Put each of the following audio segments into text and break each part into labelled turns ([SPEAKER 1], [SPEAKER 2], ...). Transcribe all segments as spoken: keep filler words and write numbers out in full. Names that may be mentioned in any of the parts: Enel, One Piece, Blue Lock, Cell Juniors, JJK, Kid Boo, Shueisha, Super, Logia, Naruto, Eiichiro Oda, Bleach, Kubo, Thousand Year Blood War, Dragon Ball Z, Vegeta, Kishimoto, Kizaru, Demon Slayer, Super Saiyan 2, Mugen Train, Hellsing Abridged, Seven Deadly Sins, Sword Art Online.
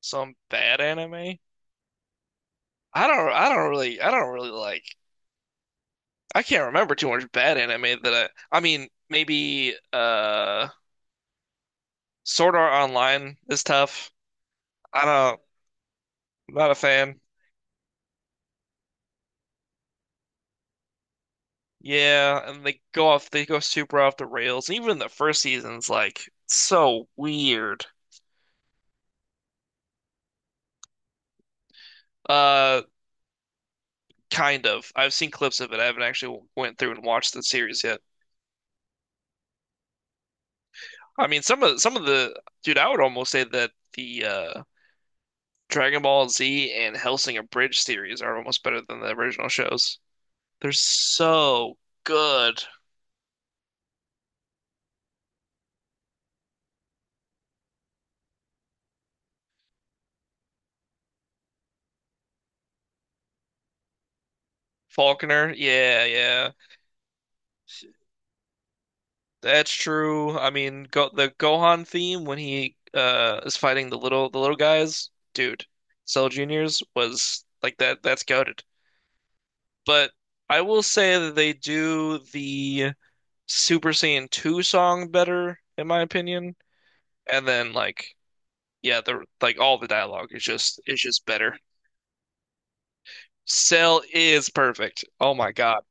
[SPEAKER 1] Some bad anime. I don't I don't really I don't really like I can't remember too much bad anime that I I mean maybe, uh Sword Art Online is tough. I don't I'm not a fan. Yeah, and they go off they go super off the rails. Even the first season's like so weird. Uh Kind of. I've seen clips of it. I haven't actually went through and watched the series yet. I mean some of some of the dude, I would almost say that the uh Dragon Ball Z and Hellsing Abridged series are almost better than the original shows. They're so good. Faulkner, yeah, yeah, that's true. I mean, go the Gohan theme when he uh is fighting the little the little guys, dude. Cell Juniors was like that. That's goated. But I will say that they do the Super Saiyan two song better, in my opinion. And then, like, yeah, the like all the dialogue is just is just better. Cell is perfect. Oh my God.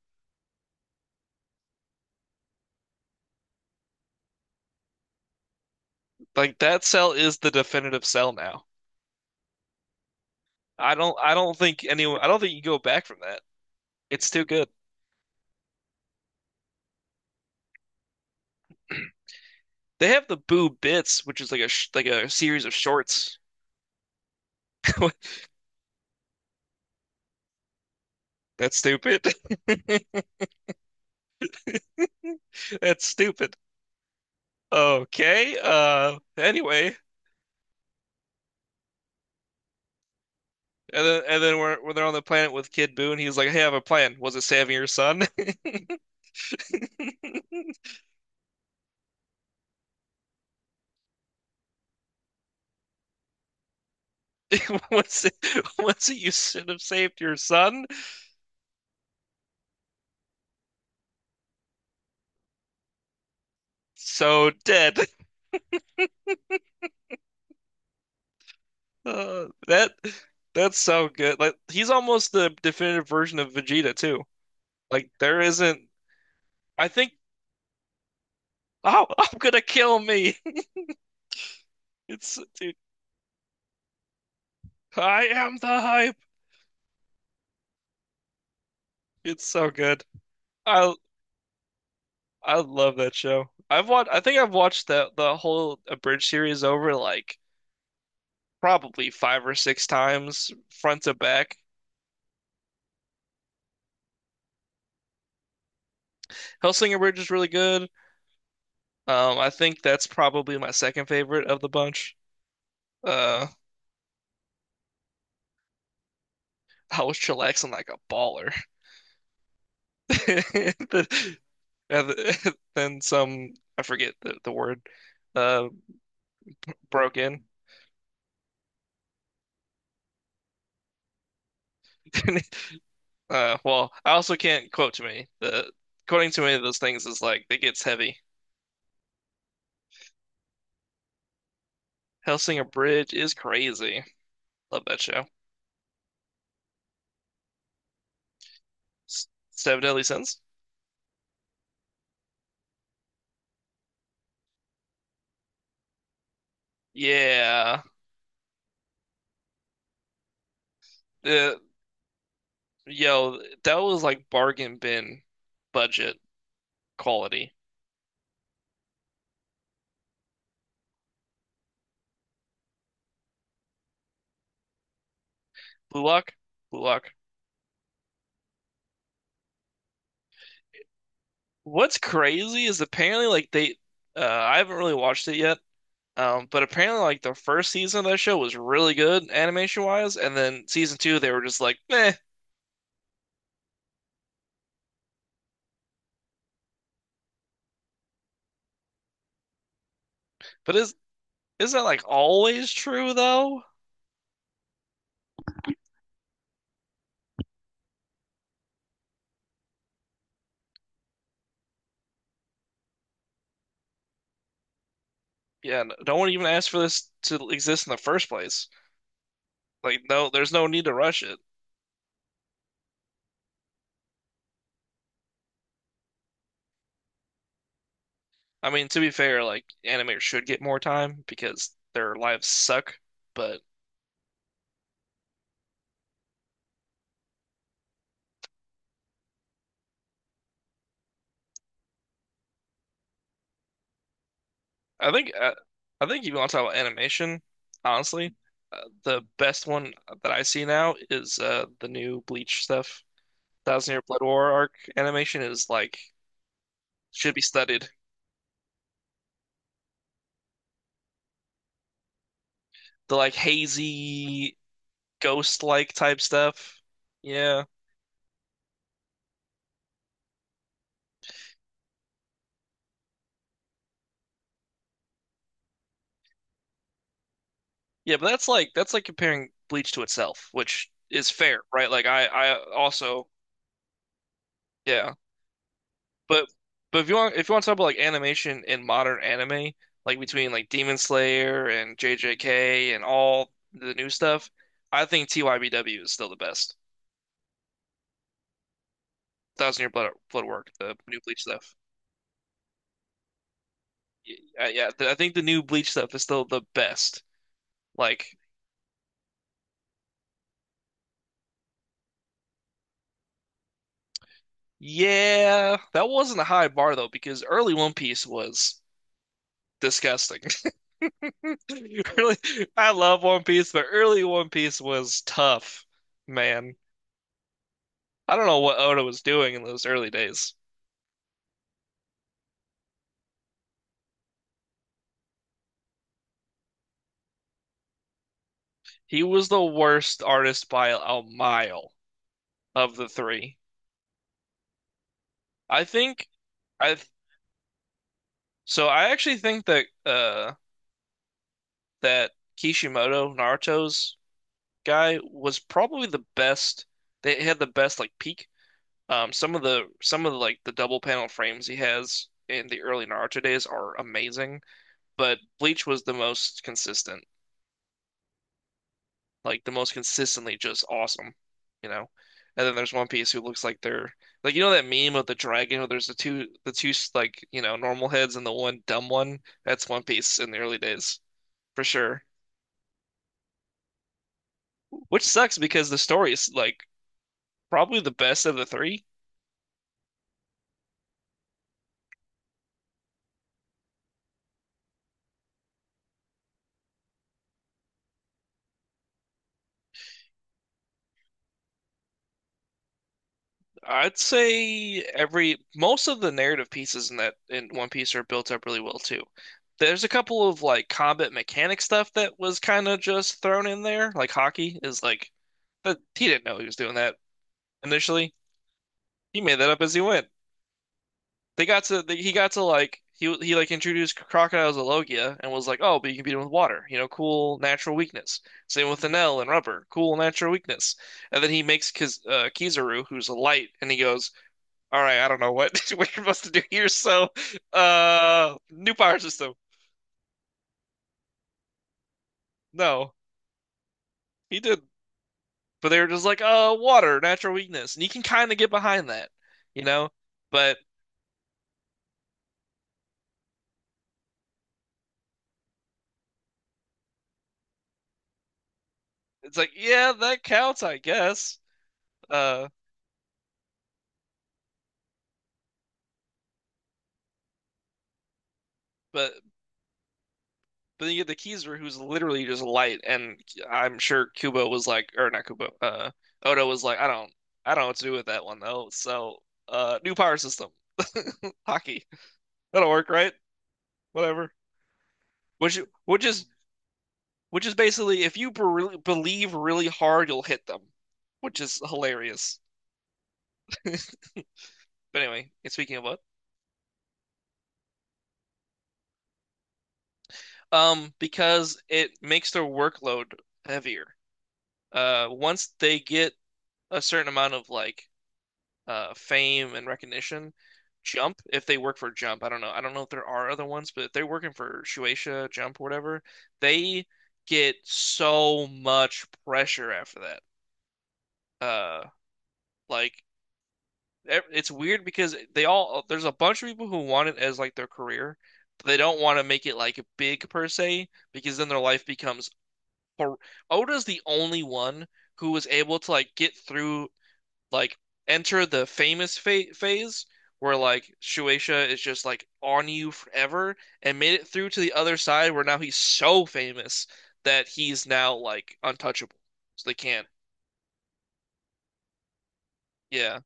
[SPEAKER 1] Like that Cell is the definitive Cell now. I don't I don't think anyone I don't think you go back from that. It's too good. They have the Boo Bits, which is like a sh like a series of shorts. That's stupid. That's stupid. Okay. Uh. Anyway, and then and then we're, when they're on the planet with Kid Boo, and he's like, "Hey, I have a plan. Was it saving your son?" Was it was it you should have saved your son? So dead. Uh, that that's so good. Like he's almost the definitive version of Vegeta too. Like there isn't. I think oh, I'm gonna kill me. It's dude. I am the hype. It's so good. I I love that show. I've watched. I think I've watched the the whole Abridged series over like probably five or six times front to back. Hellsing Bridge is really good. Um, I think that's probably my second favorite of the bunch. Uh, I was chillaxing like a baller. The, yeah, the, then some, I forget the, the word, uh, broke in. Uh, well, I also can't quote to me. The quoting too many of those things is like it gets heavy. Hellsinger Bridge is crazy. Love that show. S- Seven Deadly Sins. Yeah, the yo, that was like bargain bin budget quality. Blue Lock, Blue Lock. What's crazy is apparently like they. Uh, I haven't really watched it yet. Um, but apparently, like the first season of that show was really good animation wise, and then season two they were just like, meh. But is is that like always true though? Yeah, n- no one even asked for this to exist in the first place. Like, no, there's no need to rush it. I mean, to be fair, like animators should get more time because their lives suck. But I think uh, I think if you want to talk about animation, honestly, uh, the best one that I see now is uh, the new Bleach stuff. Thousand Year Blood War arc animation is like should be studied. The like hazy ghost-like type stuff. Yeah. Yeah, but that's like that's like comparing Bleach to itself, which is fair, right? Like I I also yeah. But but if you want if you want to talk about like animation in modern anime, like between like Demon Slayer and J J K and all the new stuff, I think T Y B W is still the best. Thousand Year Blood Blood War, the new Bleach stuff. Yeah, yeah, th- I think the new Bleach stuff is still the best. Like, yeah, that wasn't a high bar though, because early One Piece was disgusting. Really, I love One Piece, but early One Piece was tough, man. I don't know what Oda was doing in those early days. He was the worst artist by a mile of the three. I think I so I actually think that uh that Kishimoto, Naruto's guy was probably the best. They had the best like peak. Um, some of the some of the like the double panel frames he has in the early Naruto days are amazing, but Bleach was the most consistent, like the most consistently just awesome, you know. And then there's One Piece who looks like they're like you know that meme of the dragon where there's the two the two like you know normal heads and the one dumb one. That's One Piece in the early days for sure, which sucks because the story is like probably the best of the three. I'd say every most of the narrative pieces in that in One Piece are built up really well too. There's a couple of like combat mechanic stuff that was kind of just thrown in there. Like hockey is like that he didn't know he was doing that initially. He made that up as he went. They got to he got to like he he like introduced crocodiles to Logia and was like, "Oh, but you can beat them with water. You know, cool natural weakness." Same with Enel and Rubber, cool natural weakness. And then he makes Kiz, uh, Kizaru, who's a light, and he goes, all right, I don't know what we're supposed to do here. So, uh, new power system. No, he did, but they were just like, uh, water, natural weakness, and you can kind of get behind that, you know. But it's like, yeah, that counts, I guess. Uh, but but then you get the Kizaru, who's literally just light, and I'm sure Kubo was like, or not Kubo, uh, Oda was like, I don't, I don't, know what to do with that one though. So, uh, new power system, hockey. That'll work, right? Whatever. Which which is which is basically if you be- believe really hard, you'll hit them, which is hilarious. But anyway, speaking of what, um, because it makes their workload heavier. Uh, once they get a certain amount of like uh fame and recognition, Jump, if they work for Jump, I don't know, I don't know if there are other ones, but if they're working for Shueisha, Jump, whatever, they get so much pressure after that. Uh, like it's weird because they all uh, there's a bunch of people who want it as like their career, but they don't want to make it like big per se because then their life becomes hor- Oda's the only one who was able to like get through, like enter the famous fa phase where like Shueisha is just like on you forever and made it through to the other side where now he's so famous that he's now like untouchable. So they can't. Yeah.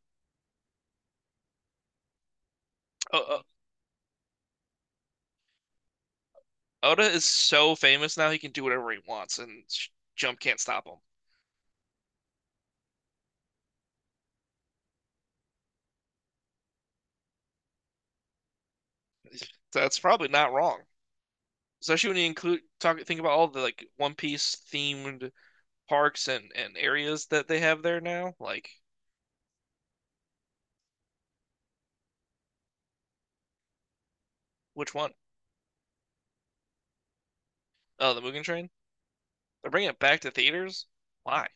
[SPEAKER 1] O- Oda is so famous now, he can do whatever he wants, and Jump can't stop him. So that's probably not wrong, especially when you include talk think about all the like One Piece themed parks and and areas that they have there now. Like which one? Oh, the Mugen Train. They're bringing it back to theaters. Why?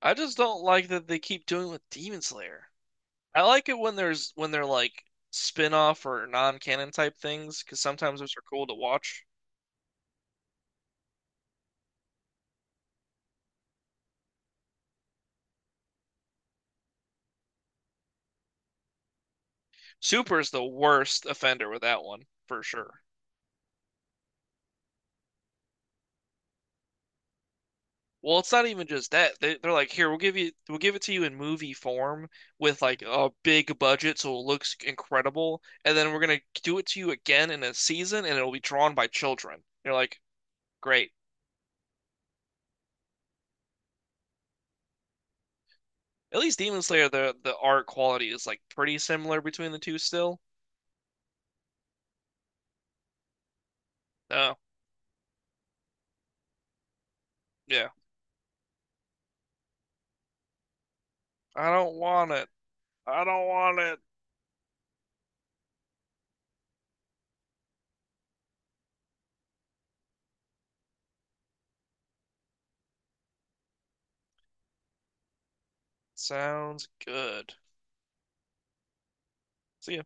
[SPEAKER 1] I just don't like that they keep doing it with Demon Slayer. I like it when there's when they're like spin-off or non-canon type things because sometimes those are cool to watch. Super is the worst offender with that one for sure. Well, it's not even just that. They, they're like, here, we'll give you, we'll give it to you in movie form with like a big budget, so it looks incredible, and then we're gonna do it to you again in a season, and it'll be drawn by children. You're like, great. At least Demon Slayer, the the art quality is like pretty similar between the two still. Oh, yeah. I don't want it. I don't want it. Sounds good. See ya.